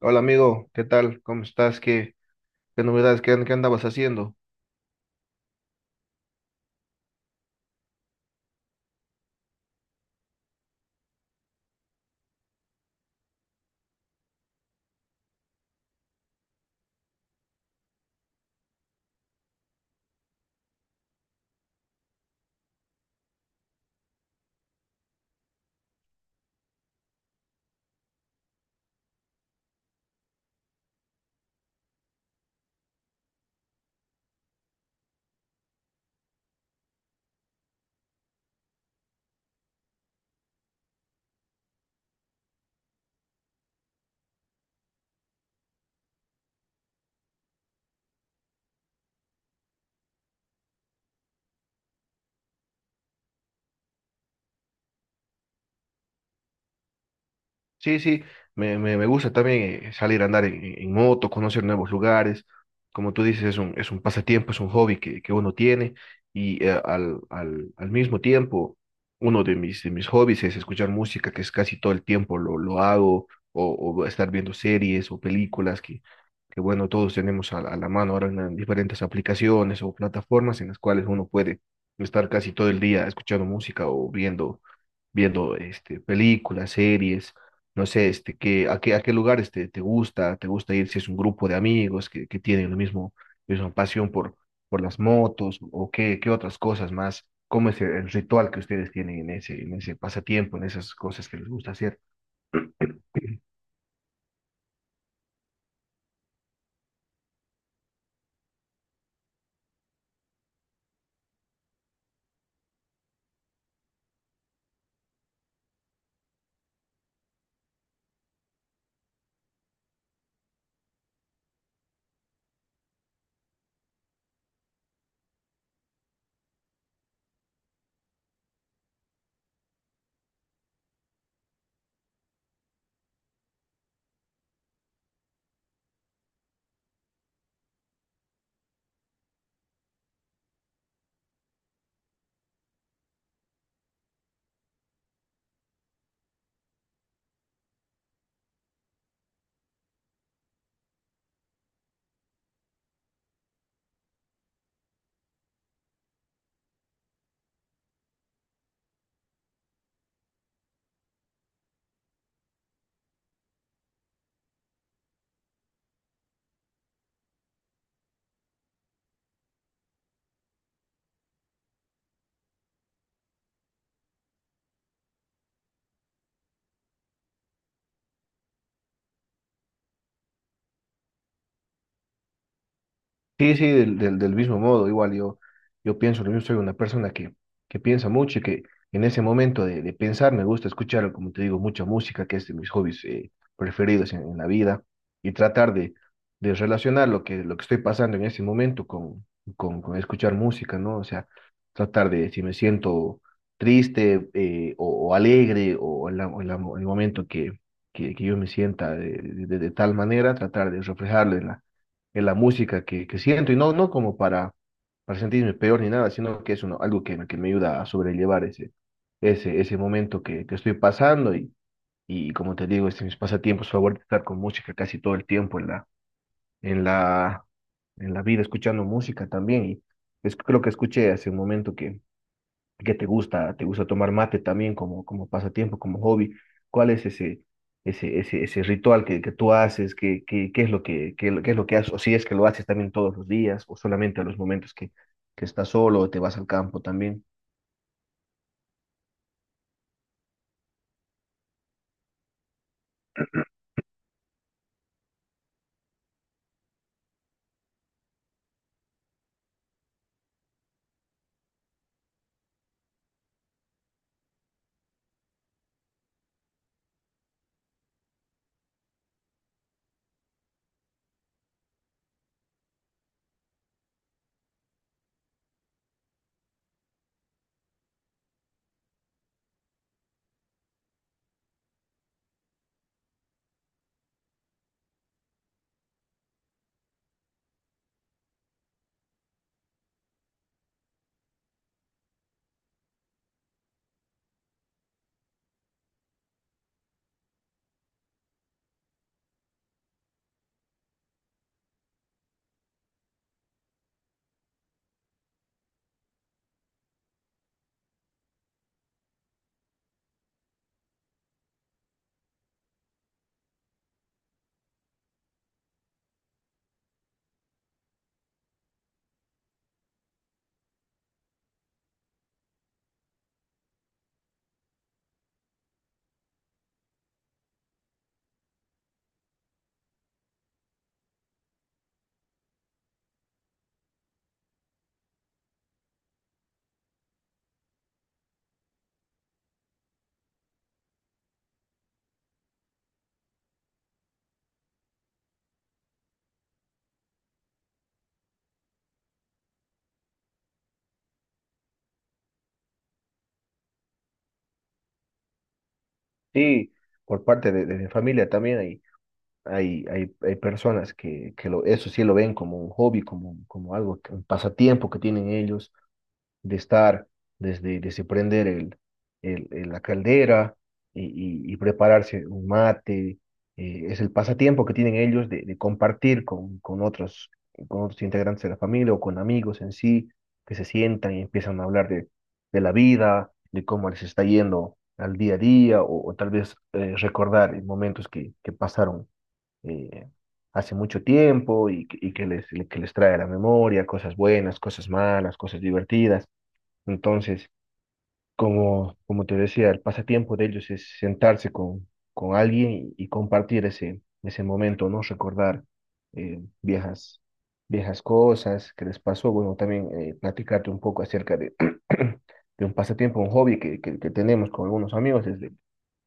Hola amigo, ¿qué tal? ¿Cómo estás? ¿Qué novedades? ¿ Qué andabas haciendo? Sí, sí, me gusta también salir a andar en moto, conocer nuevos lugares. Como tú dices, es un pasatiempo, es un hobby que uno tiene y al mismo tiempo, uno de de mis hobbies es escuchar música, que es casi todo el tiempo lo hago, o estar viendo series o películas que bueno, todos tenemos a la mano ahora en las diferentes aplicaciones o plataformas en las cuales uno puede estar casi todo el día escuchando música o viendo este, películas, series, no sé, este, a qué lugares te gusta ir si es un grupo de amigos que tienen lo mismo, misma pasión por las motos o qué, qué otras cosas más, cómo es el ritual que ustedes tienen en ese pasatiempo, en esas cosas que les gusta hacer. Sí, sí, del mismo modo, igual yo, yo pienso lo mismo, soy una persona que piensa mucho y que en ese momento de pensar me gusta escuchar, como te digo, mucha música, que es de mis hobbies preferidos en la vida, y tratar de relacionar lo que estoy pasando en ese momento con escuchar música, ¿no? O sea, tratar de, si me siento triste o alegre en el momento que yo me sienta de tal manera, tratar de reflejarlo en la música que siento, y no, no como para sentirme peor ni nada, sino que es uno, algo que me ayuda a sobrellevar ese momento que estoy pasando, y como te digo, este, mis pasatiempos favoritos, estar con música casi todo el tiempo en la, en la vida, escuchando música también. Creo que escuché hace un momento que ¿qué te gusta? ¿Te gusta tomar mate también como, como pasatiempo, como hobby? ¿Cuál es ese ritual que tú haces? ¿Qué, qué, qué es lo que, qué, qué es lo que haces? O si es que lo haces también todos los días, o solamente a los momentos que estás solo, o te vas al campo también. Sí, por parte de mi familia también hay personas que lo, eso sí lo ven como un hobby, como, como algo, un pasatiempo que tienen ellos de estar, desde prender la caldera y prepararse un mate. Eh, es el pasatiempo que tienen ellos de compartir con otros integrantes de la familia o con amigos en sí, que se sientan y empiezan a hablar de la vida, de cómo les está yendo al día a día, o tal vez recordar momentos que pasaron eh, hace mucho tiempo y, y que les trae a la memoria cosas buenas, cosas malas, cosas divertidas. Entonces, como, como te decía, el pasatiempo de ellos es sentarse con alguien y compartir ese, ese momento, ¿no? Recordar viejas, viejas cosas que les pasó. Bueno, también platicarte un poco acerca de, de un pasatiempo, un hobby que tenemos con algunos amigos desde,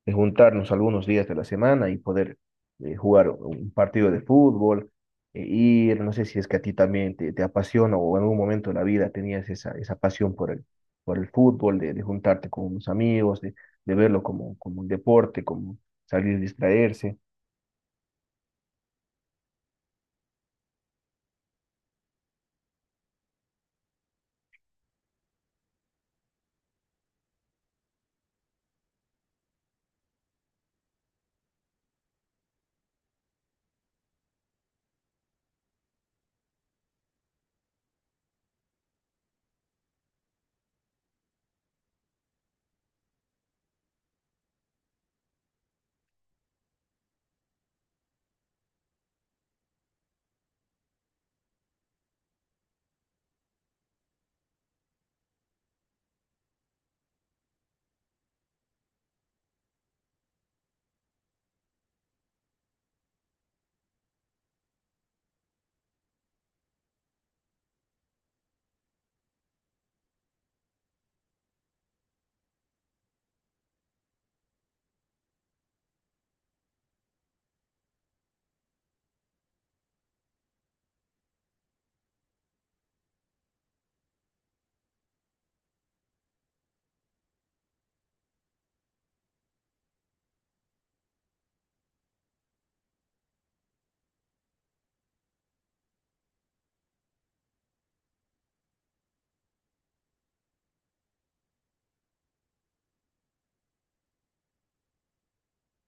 de juntarnos algunos días de la semana y poder jugar un partido de fútbol. Ir, no sé si es que a ti también te apasiona o en algún momento de la vida tenías esa, esa pasión por el fútbol, de juntarte con unos amigos, de verlo como, como un deporte, como salir a distraerse.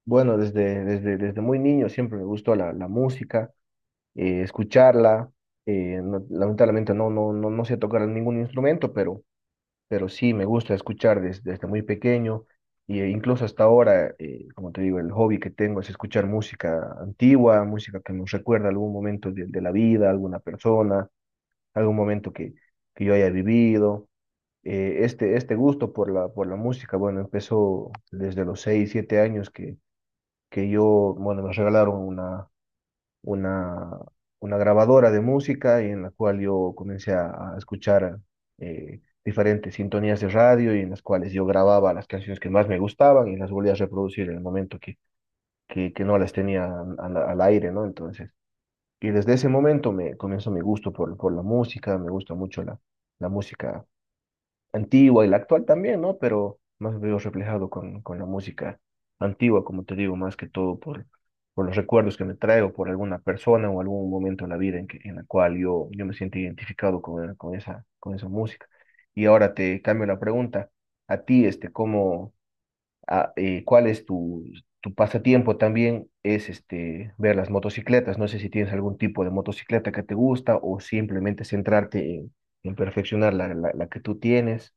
Bueno, desde muy niño siempre me gustó la, la música, escucharla. Lamentablemente no sé tocar ningún instrumento, pero sí me gusta escuchar desde muy pequeño y incluso hasta ahora, como te digo, el hobby que tengo es escuchar música antigua, música que nos recuerda algún momento de la vida, alguna persona, algún momento que yo haya vivido. Este, este gusto por la música, bueno, empezó desde los 6 7 años que yo, bueno, me regalaron una, una grabadora de música y en la cual yo comencé a escuchar diferentes sintonías de radio y en las cuales yo grababa las canciones que más me gustaban y las volvía a reproducir en el momento que no las tenía al aire, ¿no? Entonces, y desde ese momento me comenzó mi gusto por la música, me gusta mucho la, la música antigua y la actual también, ¿no? Pero más veo reflejado con la música antigua, como te digo, más que todo por los recuerdos que me traigo, por alguna persona o algún momento en la vida en que, en la cual yo, yo me siento identificado con esa música. Y ahora te cambio la pregunta. A ti, este, ¿cómo, cuál es tu, tu pasatiempo también? Es este, ver las motocicletas. No sé si tienes algún tipo de motocicleta que te gusta o simplemente centrarte en perfeccionar la, la la que tú tienes.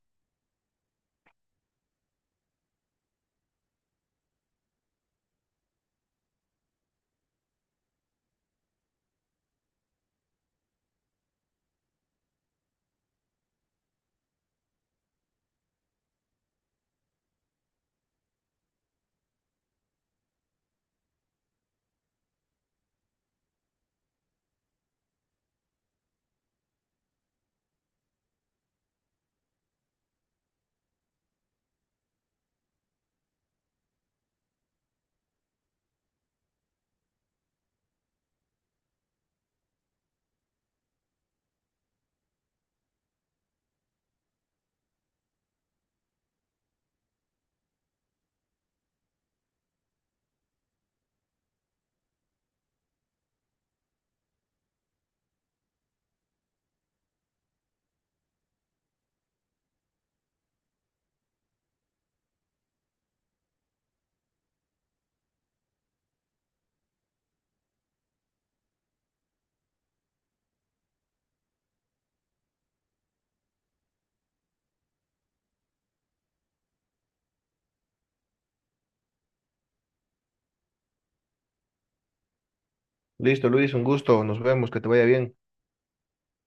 Listo, Luis, un gusto. Nos vemos, que te vaya bien.